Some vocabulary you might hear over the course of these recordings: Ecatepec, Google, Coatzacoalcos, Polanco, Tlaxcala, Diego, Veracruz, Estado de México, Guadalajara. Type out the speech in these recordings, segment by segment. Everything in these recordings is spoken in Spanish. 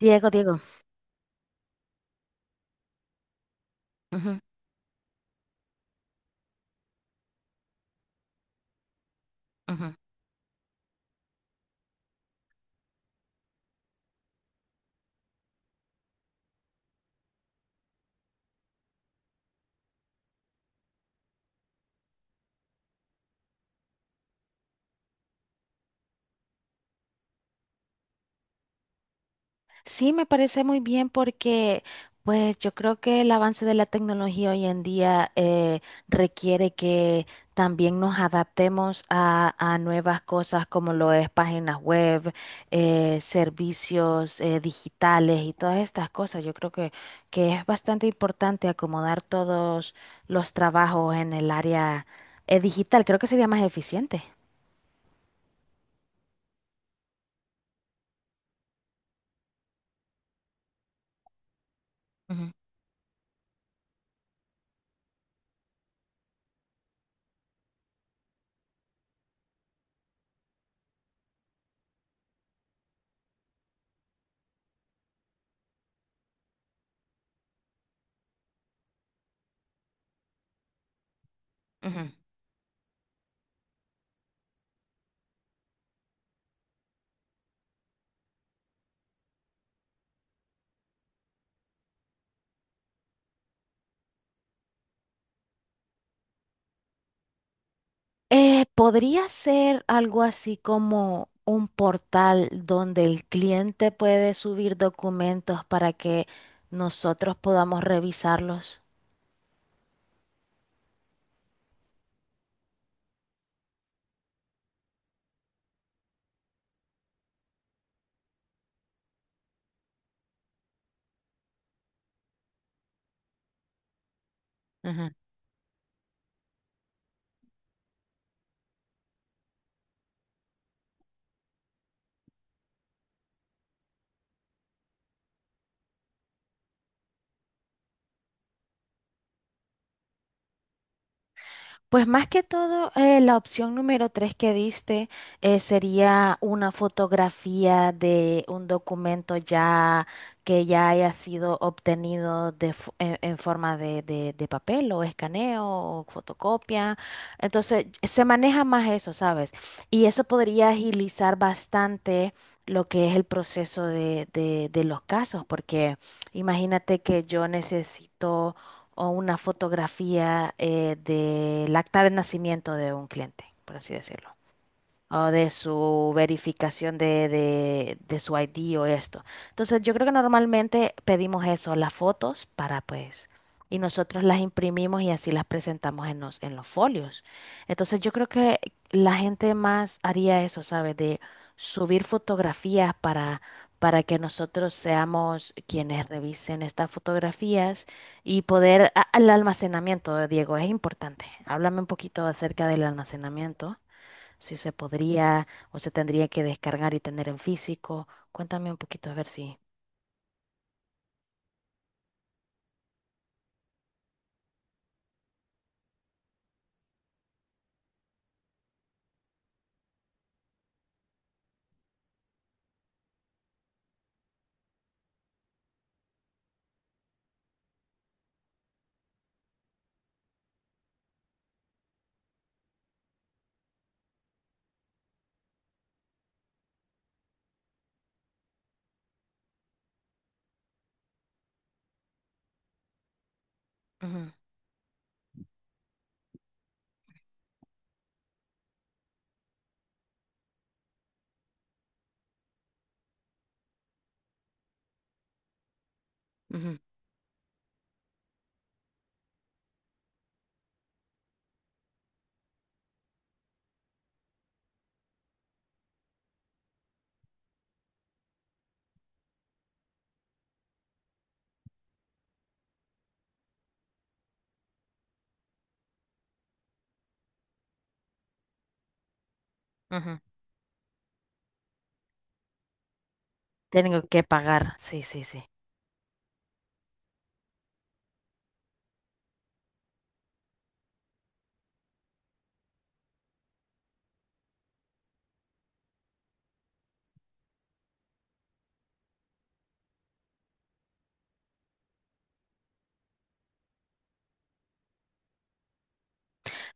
Diego, Diego. Ujú, ujú. Sí, me parece muy bien porque pues yo creo que el avance de la tecnología hoy en día requiere que también nos adaptemos a nuevas cosas como lo es páginas web, servicios digitales y todas estas cosas. Yo creo que es bastante importante acomodar todos los trabajos en el área digital. Creo que sería más eficiente. Ujú, ujú. Podría ser algo así como un portal donde el cliente puede subir documentos para que nosotros podamos revisarlos. Pues más que todo, la opción número tres que diste sería una fotografía de un documento ya que ya haya sido obtenido en forma de papel o escaneo o fotocopia. Entonces, se maneja más eso, ¿sabes? Y eso podría agilizar bastante lo que es el proceso de, de los casos, porque imagínate que yo necesito o una fotografía del acta de nacimiento de un cliente, por así decirlo, o de su verificación de su ID o esto. Entonces, yo creo que normalmente pedimos eso, las fotos para pues, y nosotros las imprimimos y así las presentamos en los folios. Entonces, yo creo que la gente más haría eso, ¿sabes? De subir fotografías para que nosotros seamos quienes revisen estas fotografías y poder, al almacenamiento, Diego, es importante. Háblame un poquito acerca del almacenamiento si se podría o se tendría que descargar y tener en físico. Cuéntame un poquito a ver si. Ujú, ujú, ujú. Tengo que pagar, sí, sí, sí.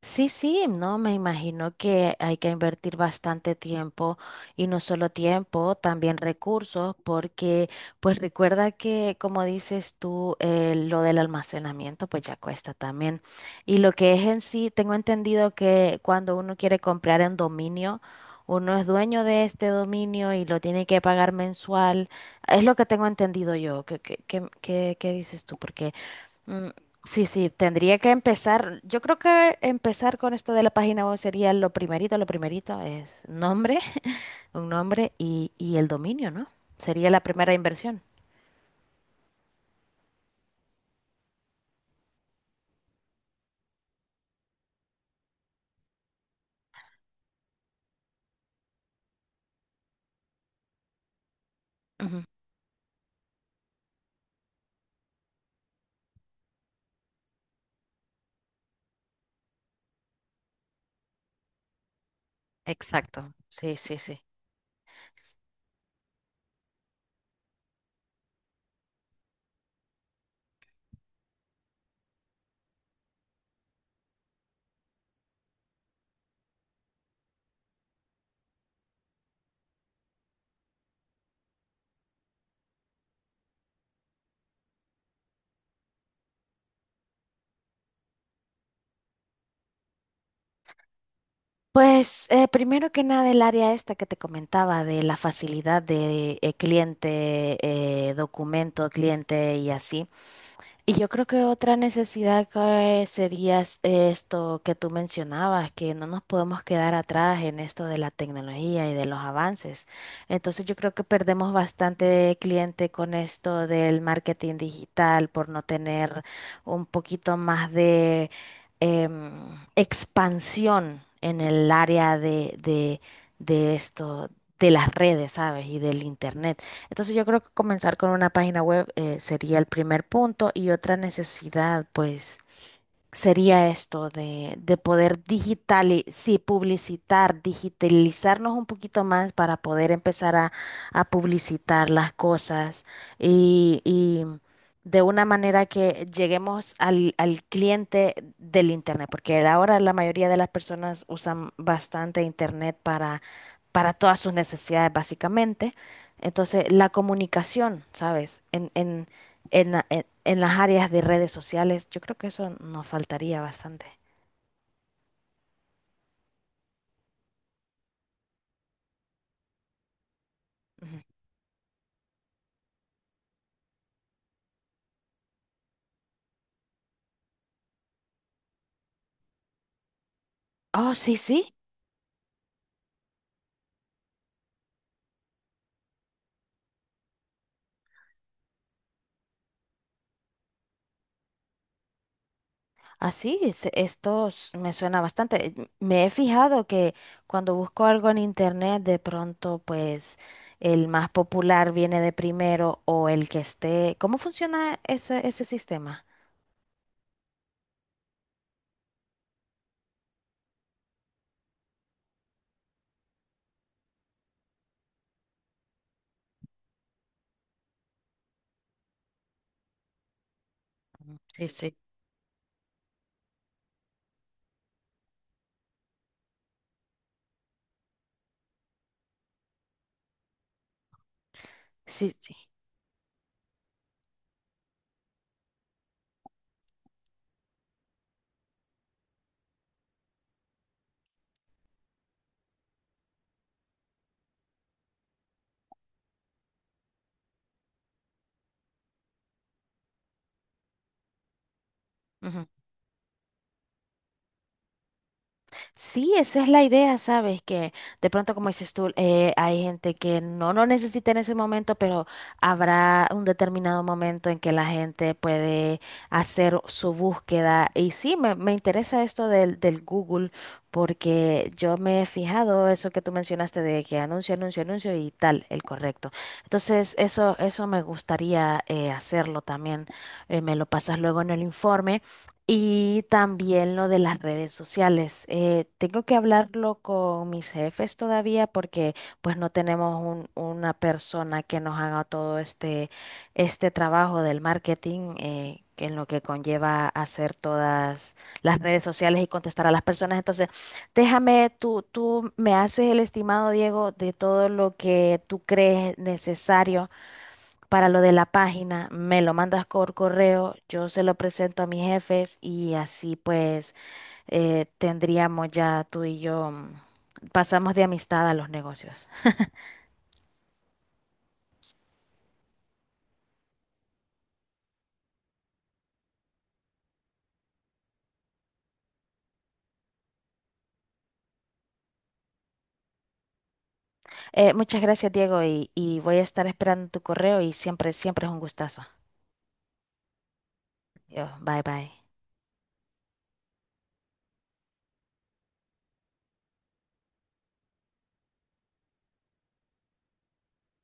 Sí, sí, no, me imagino que hay que invertir bastante tiempo y no solo tiempo, también recursos, porque pues recuerda que como dices tú, lo del almacenamiento pues ya cuesta también. Y lo que es en sí, tengo entendido que cuando uno quiere comprar en dominio, uno es dueño de este dominio y lo tiene que pagar mensual. Es lo que tengo entendido yo. ¿ qué dices tú? Porque... mm, sí, sí, tendría que empezar. Yo creo que empezar con esto de la página web sería lo primerito es nombre, un nombre y el dominio, ¿no? Sería la primera inversión. Ujú. Exacto, sí, sí, sí. Pues primero que nada el área esta que te comentaba de la facilidad de cliente, documento, cliente y así. Y yo creo que otra necesidad que sería esto que tú mencionabas, que no nos podemos quedar atrás en esto de la tecnología y de los avances. Entonces yo creo que perdemos bastante cliente con esto del marketing digital por no tener un poquito más de em, expansión en el área de esto, de las redes, ¿sabes? Y del internet. Entonces yo creo que comenzar con una página web sería el primer punto y otra necesidad, pues sería esto de poder digital sí, publicitar, digitalizarnos un poquito más para poder empezar a publicitar las cosas y de una manera que lleguemos al cliente del Internet, porque ahora la mayoría de las personas usan bastante Internet para todas sus necesidades, básicamente. Entonces, la comunicación, ¿sabes? En las áreas de redes sociales. Yo creo que eso nos faltaría bastante. Ujú. Oh, sí, sí. Así, esto me suena bastante. Me he fijado que cuando busco algo en internet, de pronto, pues el más popular viene de primero o el que esté. ¿Cómo funciona ese sistema? Sí, sí. Sí, sí. Ujú. Sí, esa es la idea, ¿sabes? Que de pronto, como dices tú, hay gente que no lo necesita en ese momento, pero habrá un determinado momento en que la gente puede hacer su búsqueda. Y sí, me interesa esto del, del Google, porque yo me he fijado eso que tú mencionaste de que anuncio, anuncio, anuncio y tal, el correcto. Entonces, eso me gustaría hacerlo también. Me lo pasas luego en el informe. Y también lo de las redes sociales. Tengo que hablarlo con mis jefes todavía porque pues no tenemos una persona que nos haga todo este trabajo del marketing que en lo que conlleva hacer todas las redes sociales y contestar a las personas. Entonces, déjame, tú me haces el estimado, Diego, de todo lo que tú crees necesario para lo de la página, me lo mandas por correo, yo se lo presento a mis jefes y así pues tendríamos ya tú y yo, pasamos de amistad a los negocios. Muchas gracias, Diego, y voy a estar esperando tu correo y siempre, siempre es un gustazo. Yo, bye bye.